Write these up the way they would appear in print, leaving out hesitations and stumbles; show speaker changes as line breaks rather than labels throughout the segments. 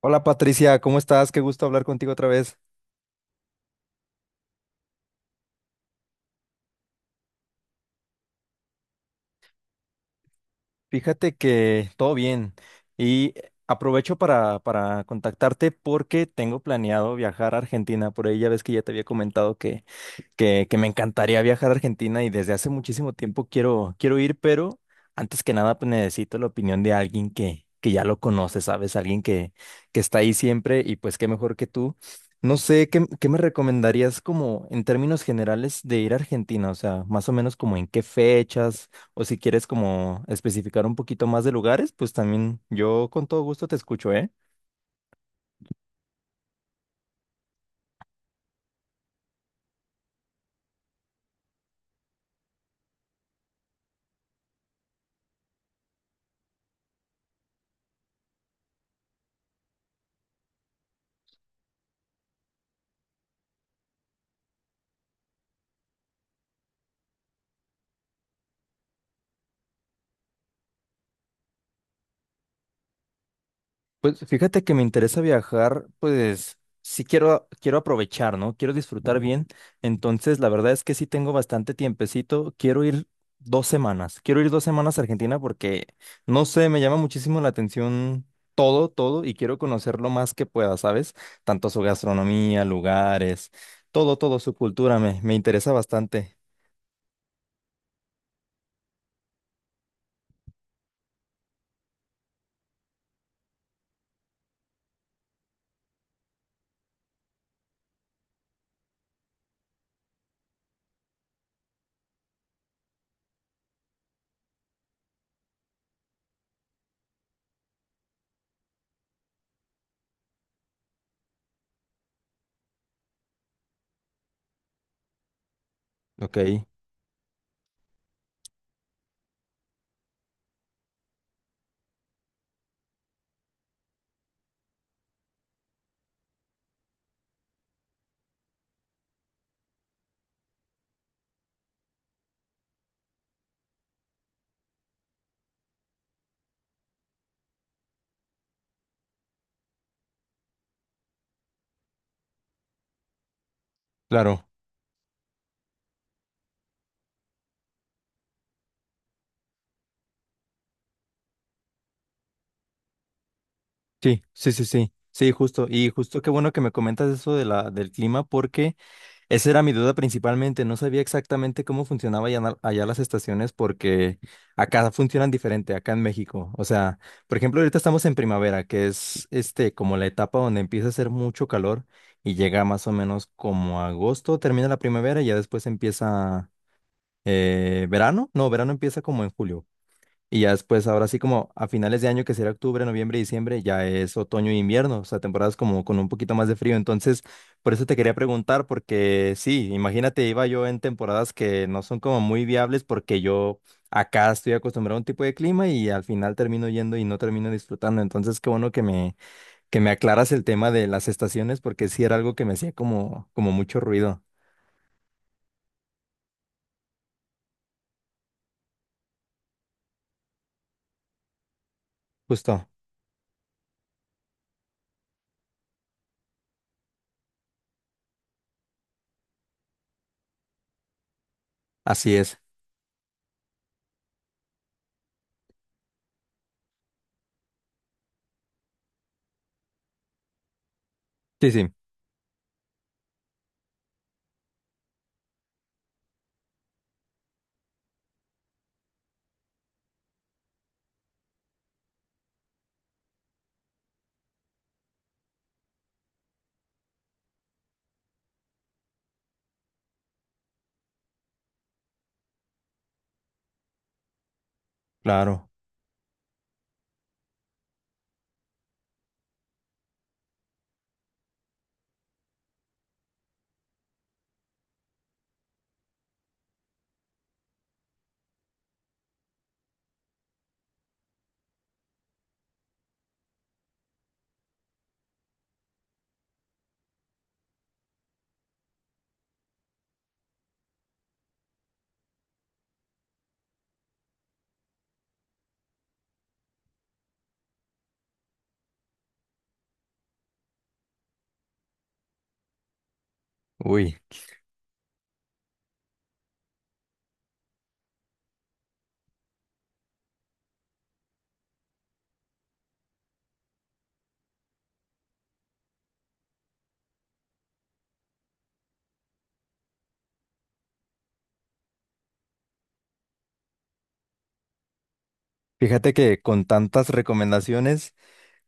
Hola Patricia, ¿cómo estás? Qué gusto hablar contigo otra vez. Fíjate que todo bien y aprovecho para contactarte porque tengo planeado viajar a Argentina. Por ahí ya ves que ya te había comentado que me encantaría viajar a Argentina y desde hace muchísimo tiempo quiero ir, pero antes que nada pues, necesito la opinión de alguien que ya lo conoce, ¿sabes? Alguien que está ahí siempre y pues qué mejor que tú. No sé, ¿qué me recomendarías como en términos generales de ir a Argentina? O sea, más o menos como en qué fechas o si quieres como especificar un poquito más de lugares, pues también yo con todo gusto te escucho, ¿eh? Pues fíjate que me interesa viajar, pues sí quiero aprovechar, ¿no? Quiero disfrutar bien. Entonces, la verdad es que sí tengo bastante tiempecito. Quiero ir 2 semanas. Quiero ir dos semanas a Argentina porque, no sé, me llama muchísimo la atención todo, y quiero conocer lo más que pueda, ¿sabes? Tanto su gastronomía, lugares, todo, su cultura, me interesa bastante. Ok, claro. Sí, sí, sí, sí. Sí, justo. Y justo qué bueno que me comentas eso de la, del clima porque… Esa era mi duda principalmente. No sabía exactamente cómo funcionaba allá, allá las estaciones porque acá funcionan diferente, acá en México. O sea, por ejemplo, ahorita estamos en primavera, que es este como la etapa donde empieza a hacer mucho calor y llega más o menos como agosto, termina la primavera y ya después empieza verano. No, verano empieza como en julio. Y ya después, ahora sí como a finales de año, que será octubre, noviembre, diciembre, ya es otoño e invierno, o sea, temporadas como con un poquito más de frío. Entonces, por eso te quería preguntar, porque sí, imagínate, iba yo en temporadas que no son como muy viables porque yo acá estoy acostumbrado a un tipo de clima y al final termino yendo y no termino disfrutando. Entonces, qué bueno que que me aclaras el tema de las estaciones porque sí era algo que me hacía como, como mucho ruido. Justo, así es. Sí, sí, claro. Uy, fíjate que con tantas recomendaciones…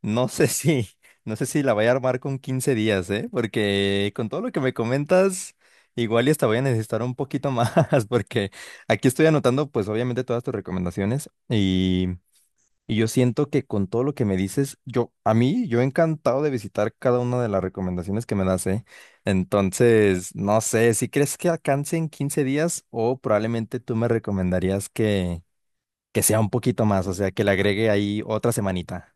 No sé si, no sé si la vaya a armar con 15 días, ¿eh? Porque con todo lo que me comentas, igual y hasta voy a necesitar un poquito más, porque aquí estoy anotando, pues obviamente todas tus recomendaciones y yo siento que con todo lo que me dices, yo encantado de visitar cada una de las recomendaciones que me das, ¿eh? Entonces, no sé, si crees que alcance en 15 días o probablemente tú me recomendarías que sea un poquito más, o sea, que le agregue ahí otra semanita.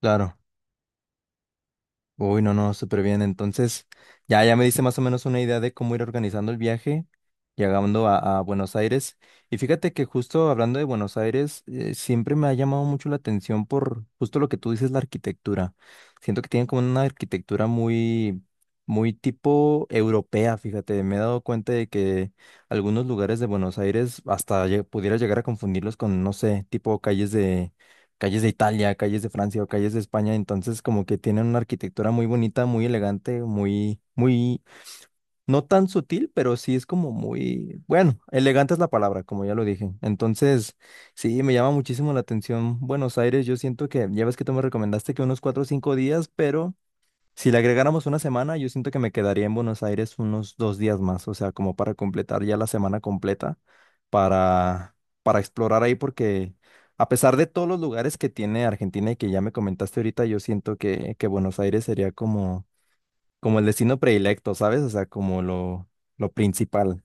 Claro. Uy, no, no, súper bien. Entonces, ya me diste más o menos una idea de cómo ir organizando el viaje, llegando a Buenos Aires. Y fíjate que justo hablando de Buenos Aires, siempre me ha llamado mucho la atención por justo lo que tú dices, la arquitectura. Siento que tienen como una arquitectura muy tipo europea, fíjate. Me he dado cuenta de que algunos lugares de Buenos Aires hasta pudiera llegar a confundirlos con, no sé, tipo calles de Italia, calles de Francia o calles de España, entonces como que tienen una arquitectura muy bonita, muy elegante, muy, no tan sutil, pero sí es como muy, bueno, elegante es la palabra, como ya lo dije. Entonces, sí, me llama muchísimo la atención Buenos Aires, yo siento que, ya ves que tú me recomendaste que unos 4 o 5 días, pero… Si le agregáramos una semana, yo siento que me quedaría en Buenos Aires unos 2 días más, o sea, como para completar ya la semana completa, para, para explorar ahí, porque a pesar de todos los lugares que tiene Argentina y que ya me comentaste ahorita, yo siento que Buenos Aires sería como, como el destino predilecto, ¿sabes? O sea, lo principal.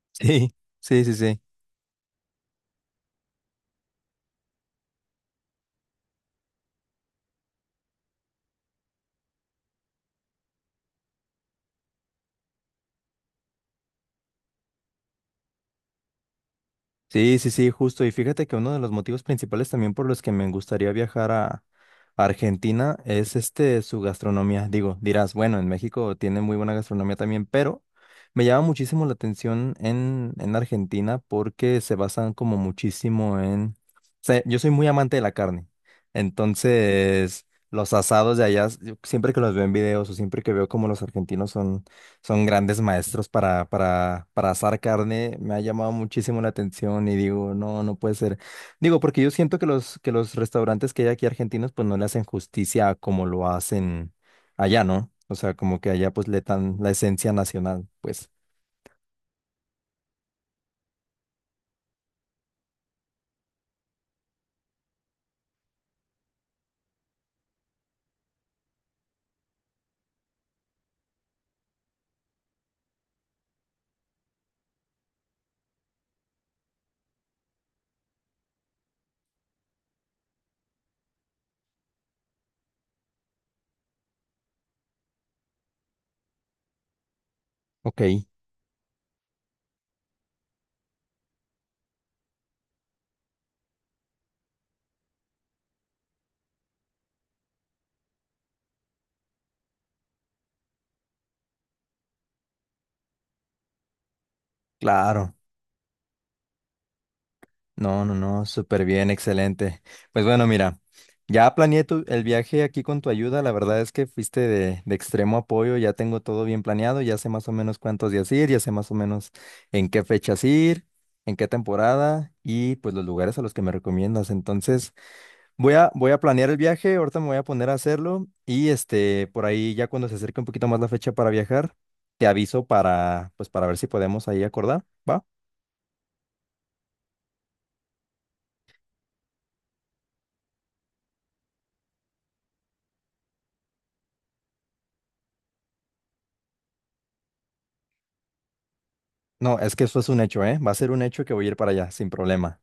Sí, sí, sí, sí. Sí, sí, sí, justo. Y fíjate que uno de los motivos principales también por los que me gustaría viajar a Argentina es este su gastronomía. Digo, dirás, bueno, en México tiene muy buena gastronomía también, pero me llama muchísimo la atención en Argentina porque se basan como muchísimo en… o sea, yo soy muy amante de la carne. Entonces, los asados de allá, yo siempre que los veo en videos o siempre que veo como los argentinos son grandes maestros para asar carne. Me ha llamado muchísimo la atención y digo, no, no puede ser. Digo, porque yo siento que que los restaurantes que hay aquí argentinos, pues no le hacen justicia a como lo hacen allá, ¿no? O sea, como que allá pues le dan la esencia nacional. Pues, ok, claro. No, no, no, súper bien, excelente. Pues bueno, mira, ya planeé el viaje aquí con tu ayuda. La verdad es que fuiste de extremo apoyo, ya tengo todo bien planeado, ya sé más o menos cuántos días ir, ya sé más o menos en qué fechas ir, en qué temporada y pues los lugares a los que me recomiendas. Entonces, voy a planear el viaje, ahorita me voy a poner a hacerlo y este, por ahí ya cuando se acerque un poquito más la fecha para viajar, te aviso para, pues para ver si podemos ahí acordar, ¿va? No, es que eso es un hecho, ¿eh? Va a ser un hecho que voy a ir para allá, sin problema.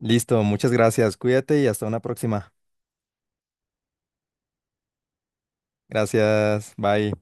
Listo, muchas gracias. Cuídate y hasta una próxima. Gracias, bye.